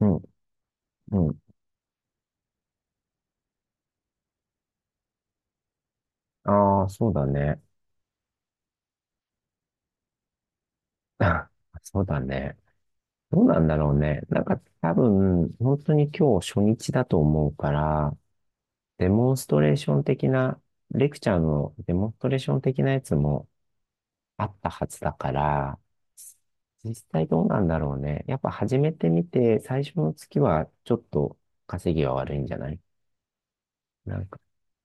うん、うん。ああ、そうだね。そうだね。どうなんだろうね。なんか多分、本当に今日初日だと思うから、デモンストレーション的な、レクチャーのデモンストレーション的なやつもあったはずだから、実際どうなんだろうね。やっぱ始めてみて、最初の月はちょっと稼ぎは悪いんじゃない。なんか、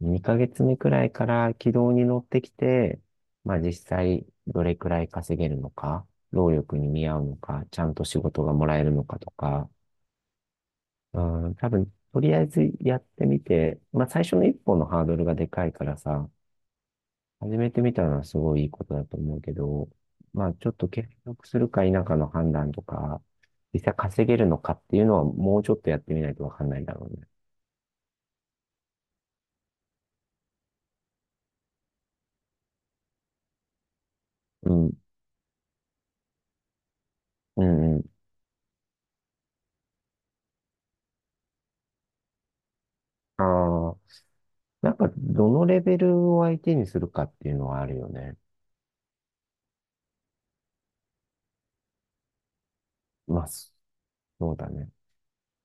2ヶ月目くらいから軌道に乗ってきて、まあ実際どれくらい稼げるのか、労力に見合うのか、ちゃんと仕事がもらえるのかとか、うん、多分、とりあえずやってみて、まあ最初の一歩のハードルがでかいからさ、始めてみたのはすごいいいことだと思うけど、まあちょっと継続するか否かの判断とか、実際稼げるのかっていうのはもうちょっとやってみないとわかんないだろうね。うん、うん、うん。ああ、なんか、どのレベルを相手にするかっていうのはあるよね。まあ、そうだね。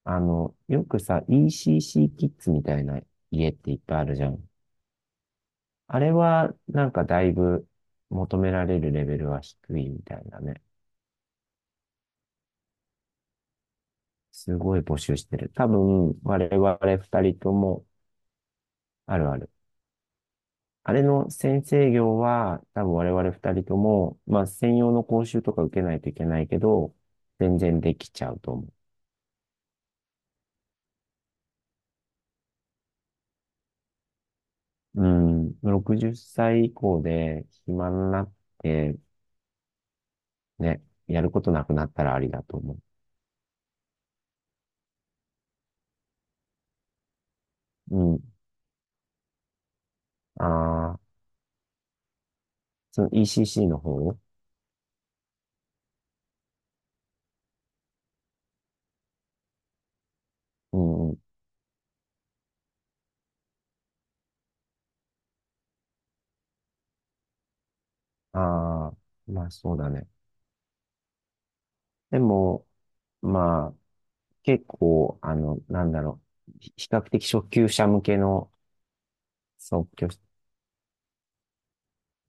よくさ、ECC キッズみたいな家っていっぱいあるじゃん。あれは、なんかだいぶ求められるレベルは低いみたいなね。すごい募集してる。多分、我々二人とも、あるある。あれの先生業は、多分我々二人とも、まあ、専用の講習とか受けないといけないけど、全然できちゃうと思う。うん、60歳以降で暇になって、ね、やることなくなったらありだと思う。うん。ああ、その ECC の方？うんうん。ああ、まあそうだね。でも、まあ、結構、なんだろう。比較的初級者向けの即興、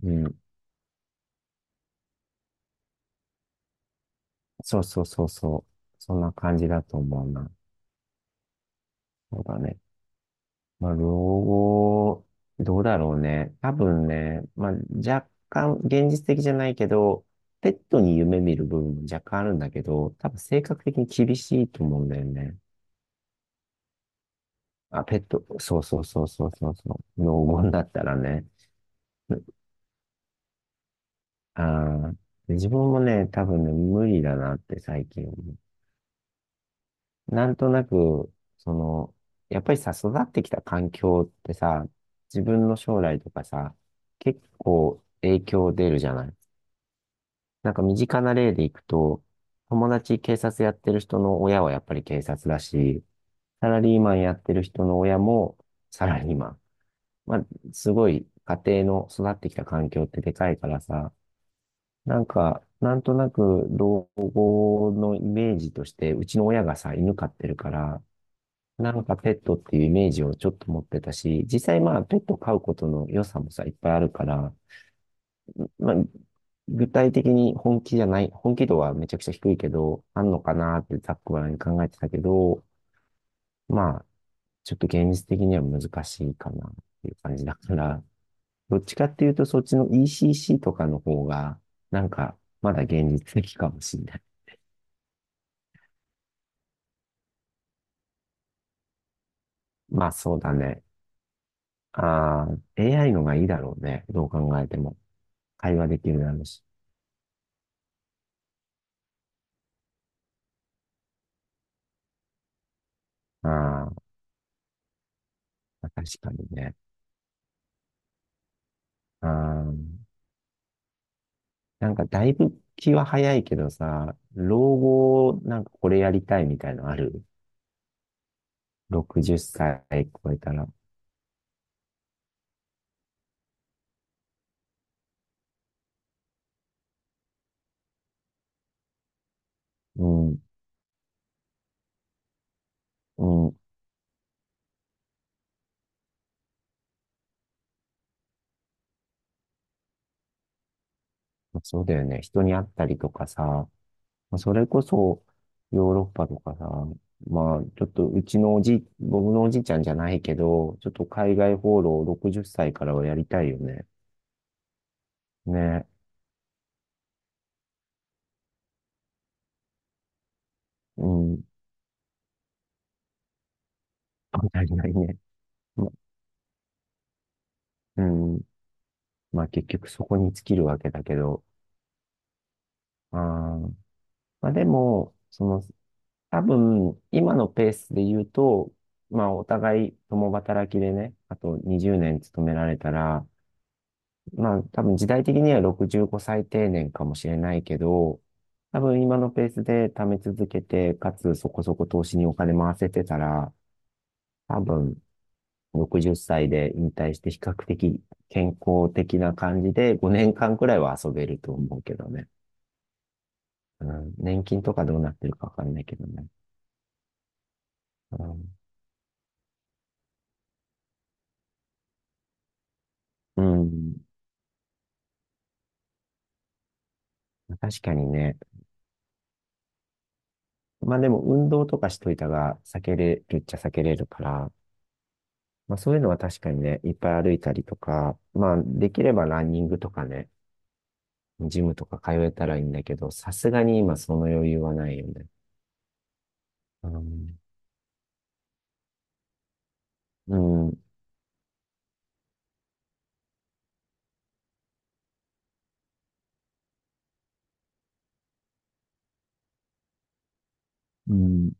うん。そうそうそうそう。そんな感じだと思うな。そうだね。まあ、老後、どうだろうね。多分ね、まあ、若干現実的じゃないけど、ペットに夢見る部分も若干あるんだけど、多分性格的に厳しいと思うんだよね。あ、ペット、そうそうそうそうそうそう、老後になったらね。ああ。で、自分もね、多分ね、無理だなって最近思う。なんとなく、その、やっぱりさ、育ってきた環境ってさ、自分の将来とかさ、結構影響出るじゃない。なんか身近な例でいくと、友達警察やってる人の親はやっぱり警察だし、サラリーマンやってる人の親もサラリーマン。まあ、すごい家庭の育ってきた環境ってでかいからさ、なんか、なんとなく老後のイメージとして、うちの親がさ、犬飼ってるから、なんかペットっていうイメージをちょっと持ってたし、実際まあペット飼うことの良さもさ、いっぱいあるから、まあ、具体的に本気じゃない、本気度はめちゃくちゃ低いけど、あんのかなってざっくばらんに考えてたけど、まあ、ちょっと現実的には難しいかなっていう感じだから、どっちかっていうとそっちの ECC とかの方が、なんか、まだ現実的かもしれない。まあそうだね。ああ、AI のがいいだろうね。どう考えても。会話できるだろうし。ああ、確かにね。ああ。なんかだいぶ気は早いけどさ、老後なんかこれやりたいみたいのある？ 60 歳超えたら。うん、うん、そうだよね。人に会ったりとかさ、まあそれこそヨーロッパとかさ、まあちょっとうちのおじ、僕のおじいちゃんじゃないけど、ちょっと海外放浪60歳からはやりたいよね。ね、うん、やりたいね。ま、うん、まあ結局そこに尽きるわけだけど、あーまあでも、その、多分、今のペースで言うと、まあ、お互い共働きでね、あと20年勤められたら、まあ、多分時代的には65歳定年かもしれないけど、多分今のペースで貯め続けて、かつそこそこ投資にお金回せてたら、多分60歳で引退して比較的健康的な感じで5年間くらいは遊べると思うけどね。うん、年金とかどうなってるかわかんないけどね。うん、うん、確かにね。まあでも運動とかしといたが避けれるっちゃ避けれるから、まあそういうのは確かにね、いっぱい歩いたりとか、まあできればランニングとかね、ジムとか通えたらいいんだけど、さすがに今その余裕はないよね。うん。うん。うん。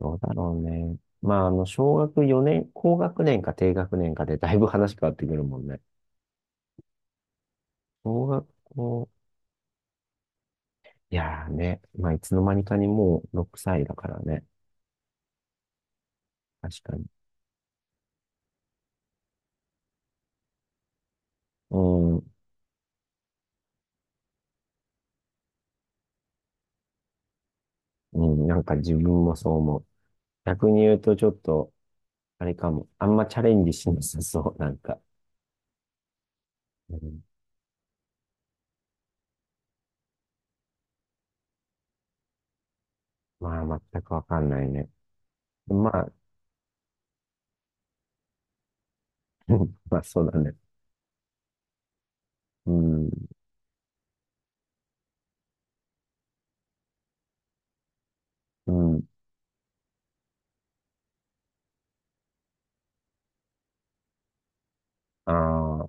どうだろうね。まあ小学4年、高学年か低学年かでだいぶ話変わってくるもんね。小学校、いやーね、まあいつの間にかにもう6歳だからね。確かに。うん。うん、なんか自分もそう思う。逆に言うとちょっと、あれかも。あんまチャレンジしなさそう、なんか。うん、まあ、全くわかんないね。まあ、まあ、そうだね。うん、うん。ああ、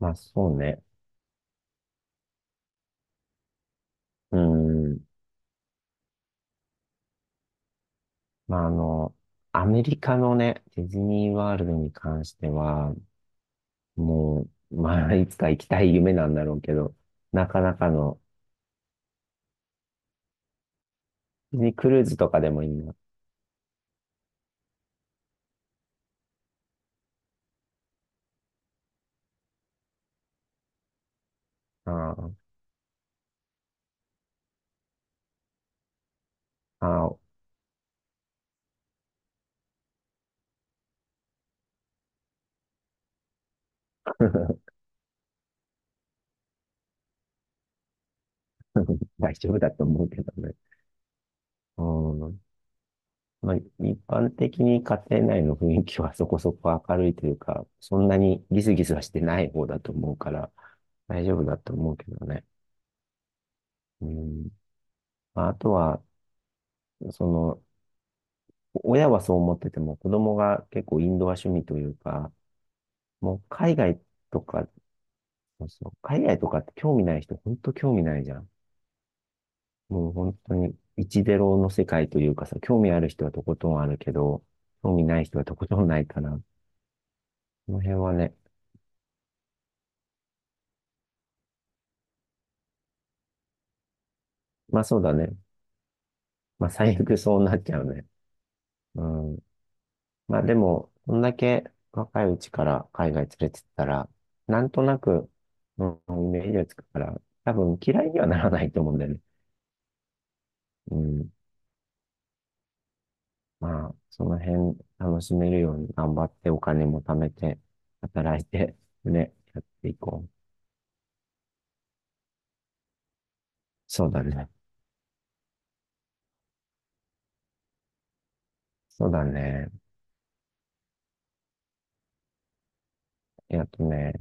まあ、そうね。うん。まあ、アメリカのね、ディズニーワールドに関しては、もう、まあ、いつか行きたい夢なんだろうけど、なかなかの、ディズニークルーズとかでもいいな。ああ、ああ、大丈夫だと思うけどね。うん、まあ、一般的に家庭内の雰囲気は そこそこ明るいというか、そんなにギスギスはしてない方だと思うから、大丈夫だと思うけどね。うん。まあ、あとは、その、親はそう思ってても、子供が結構インドア趣味というか、もう海外とか、そうそう、海外とかって興味ない人、本当興味ないじゃん。もう本当に、一ゼロの世界というかさ、興味ある人はとことんあるけど、興味ない人はとことんないから、この辺はね、まあそうだね。まあ、最悪そうなっちゃうね。うん。まあ、でも、こんだけ若いうちから海外連れてったら、なんとなく、うん、イメージがつくから、多分嫌いにはならないと思うんだよね。うん。まあ、その辺楽しめるように頑張ってお金も貯めて、働いて、ね、やっていこう。そうだね。そうだね。えっとね、